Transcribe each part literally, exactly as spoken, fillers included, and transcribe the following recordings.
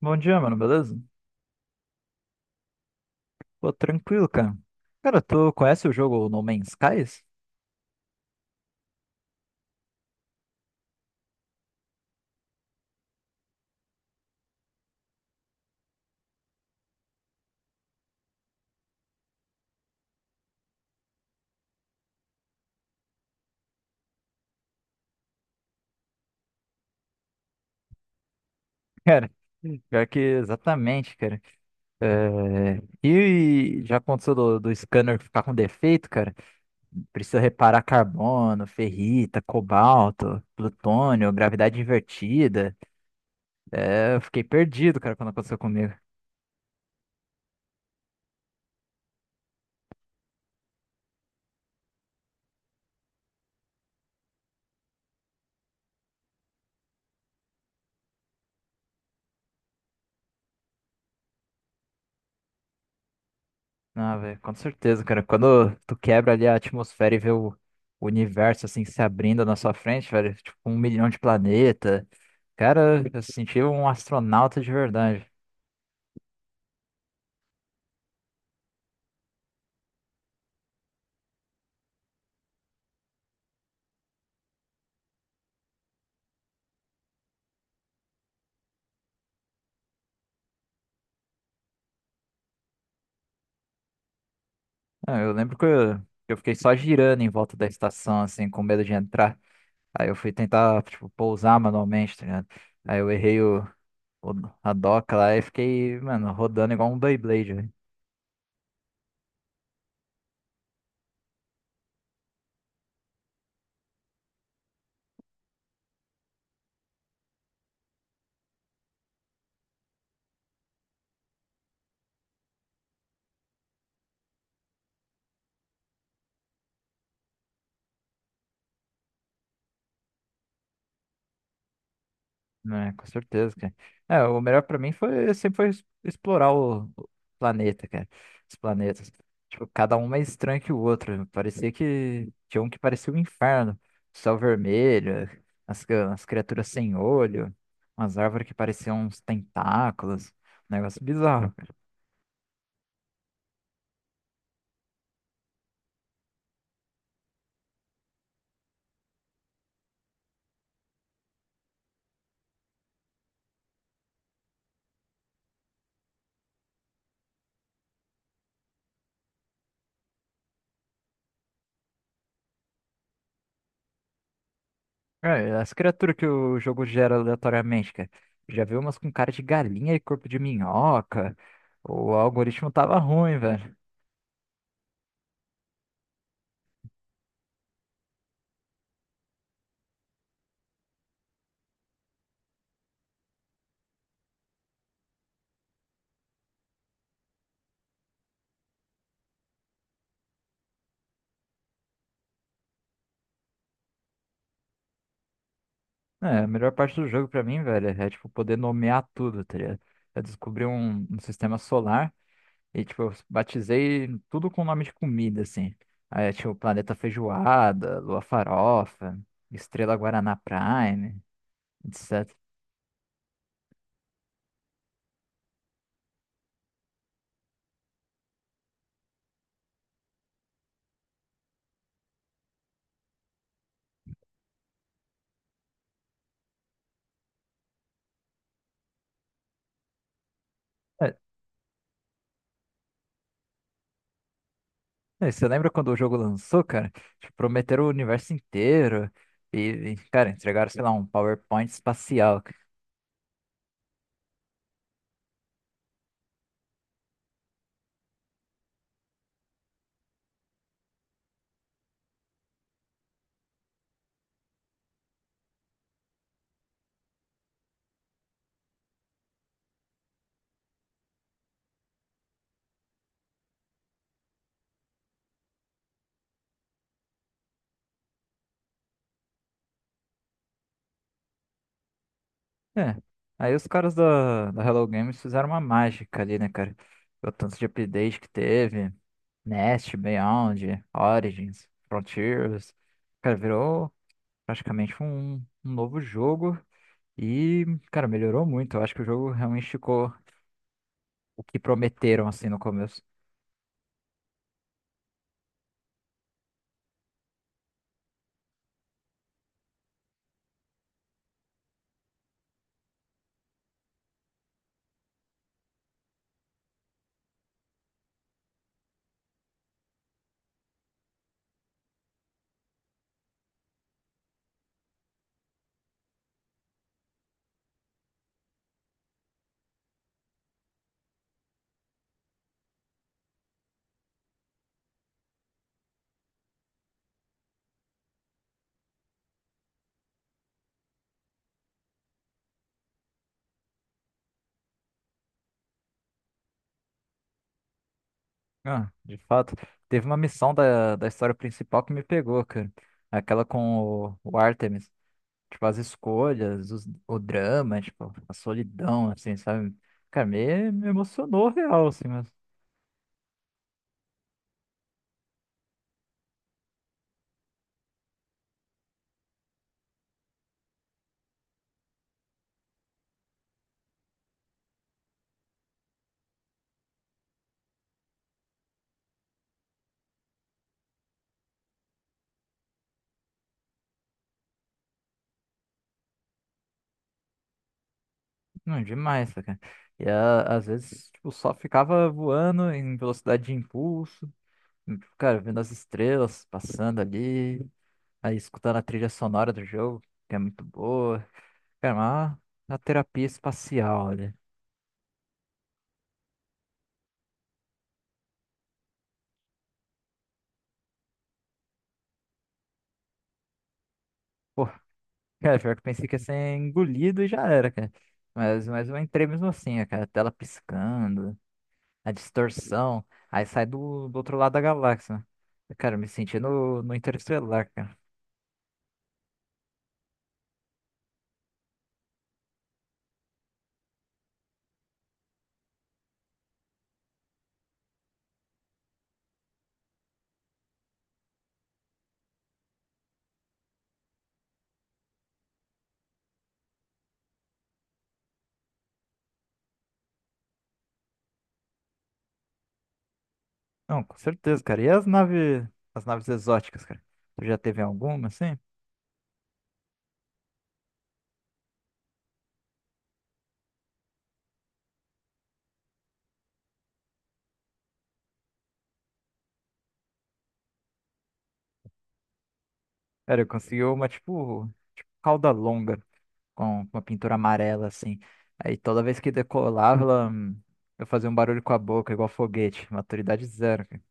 Bom dia, mano, beleza? Pô, tranquilo, cara. Cara, tu conhece o jogo No Man's Skies? Cara, pior que exatamente, cara. É, e já aconteceu do, do scanner ficar com defeito, cara? Precisa reparar carbono, ferrita, cobalto, plutônio, gravidade invertida. É, eu fiquei perdido, cara, quando aconteceu comigo. Ah, velho, com certeza, cara. Quando tu quebra ali a atmosfera e vê o o universo assim se abrindo na sua frente, velho, tipo um milhão de planeta. Cara, eu senti um astronauta de verdade. Ah, eu lembro que eu, eu fiquei só girando em volta da estação, assim, com medo de entrar. Aí eu fui tentar, tipo, pousar manualmente, tá ligado? Aí eu errei o, o- a doca lá e fiquei, mano, rodando igual um Beyblade. Né? Com certeza, cara. É, o melhor pra mim foi sempre foi es- explorar o, o planeta, cara. Os planetas. Tipo, cada um mais estranho que o outro. Parecia que tinha um que parecia um inferno. Céu vermelho, as, cri- as criaturas sem olho, umas árvores que pareciam uns tentáculos. Um negócio bizarro, cara. É, as criaturas que o jogo gera aleatoriamente, cara. Já vi umas com cara de galinha e corpo de minhoca. O algoritmo tava ruim, velho. É, a melhor parte do jogo pra mim, velho, é tipo poder nomear tudo, tá ligado? Eu descobri um, um sistema solar e tipo, eu batizei tudo com nome de comida, assim. Aí tinha o planeta feijoada, lua farofa, estrela Guaraná Prime, et cetera. É, é, você lembra quando o jogo lançou, cara? Tipo, prometeram o universo inteiro e, e, cara, entregaram, sei lá, um PowerPoint espacial. É. Aí os caras da, da Hello Games fizeram uma mágica ali, né, cara? O tanto de update que teve. Nest, Beyond, Origins, Frontiers. Cara, virou praticamente um, um novo jogo. E, cara, melhorou muito. Eu acho que o jogo realmente ficou o que prometeram, assim, no começo. Ah, de fato. Teve uma missão da, da história principal que me pegou, cara. Aquela com o, o Artemis. Tipo, as escolhas, os- o drama, tipo, a solidão, assim, sabe? Cara, me, me emocionou real, assim, mas não demais, tá, cara. E a- às vezes, tipo, só ficava voando em velocidade de impulso, e, tipo, cara, vendo as estrelas passando ali, aí escutando a trilha sonora do jogo, que é muito boa. Cara, uma, uma terapia espacial, olha. Pô, cara, pior que eu pensei que ia ser engolido e já era, cara. Mas, mas eu entrei mesmo assim, cara, a tela piscando, a distorção. Aí sai do, do outro lado da galáxia. Cara, eu me senti no, no Interestelar, cara. Não, com certeza, cara. E as naves, as naves exóticas, cara? Tu já teve alguma, assim? Cara, eu consegui uma, tipo, tipo cauda longa, com com uma pintura amarela, assim. Aí toda vez que decolava, ela, hum, eu fazia um barulho com a boca, igual foguete. Maturidade zero, cara.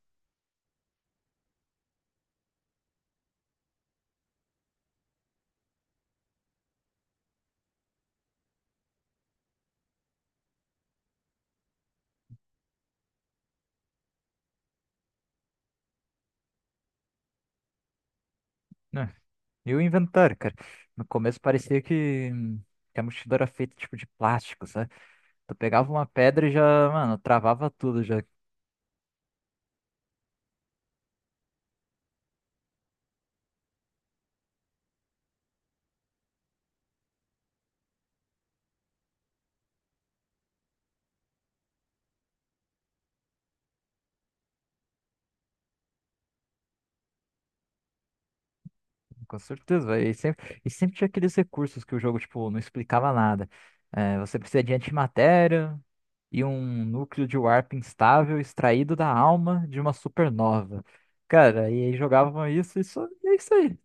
Né? E o inventário, cara? No começo parecia que, hum, que a mochila era feita, tipo, de plástico, sabe? Tu pegava uma pedra e já, mano, travava tudo já, com certeza, velho. E sempre, e sempre tinha aqueles recursos que o jogo, tipo, não explicava nada. É, você precisa de antimatéria e um núcleo de warp instável extraído da alma de uma supernova. Cara, e aí jogavam isso, isso, e é isso aí.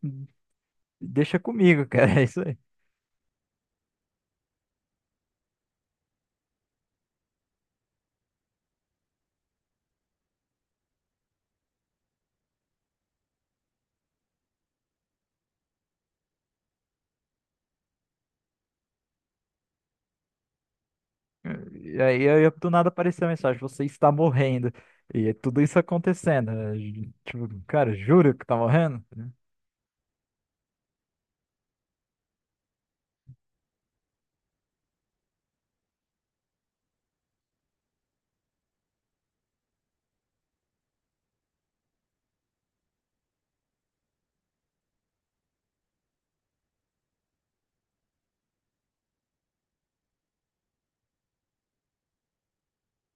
Deixa comigo, cara, é isso aí. E aí, eu- do nada apareceu a mensagem, você está morrendo. E tudo isso acontecendo, né? Tipo, cara, juro que tá morrendo?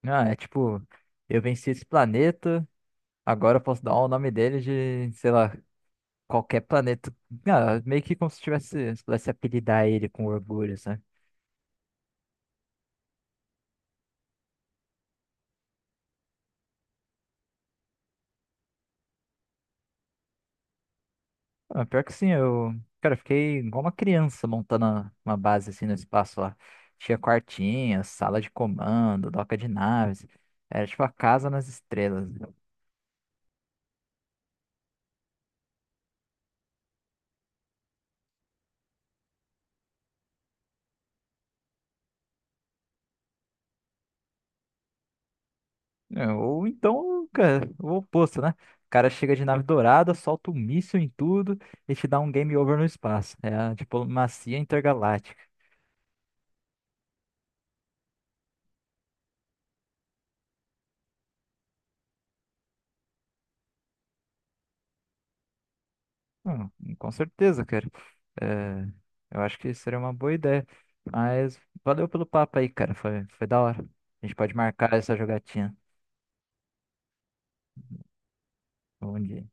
Ah, é tipo, eu venci esse planeta, agora eu posso dar o nome dele de, sei lá, qualquer planeta. Ah, meio que como se tivesse, se pudesse apelidar ele com orgulho, sabe? Ah, pior que sim, eu, cara, eu fiquei igual uma criança montando a- uma base assim no espaço lá. Tinha quartinhas, sala de comando, doca de naves. Era tipo a casa nas estrelas. É, ou então, cara, o oposto, né? O cara chega de nave dourada, solta um míssil em tudo e te dá um game over no espaço. É a diplomacia intergaláctica. Hum, com certeza, cara. É, eu acho que seria uma boa ideia. Mas valeu pelo papo aí, cara. Foi, foi da hora. A gente pode marcar essa jogatina. Bom dia.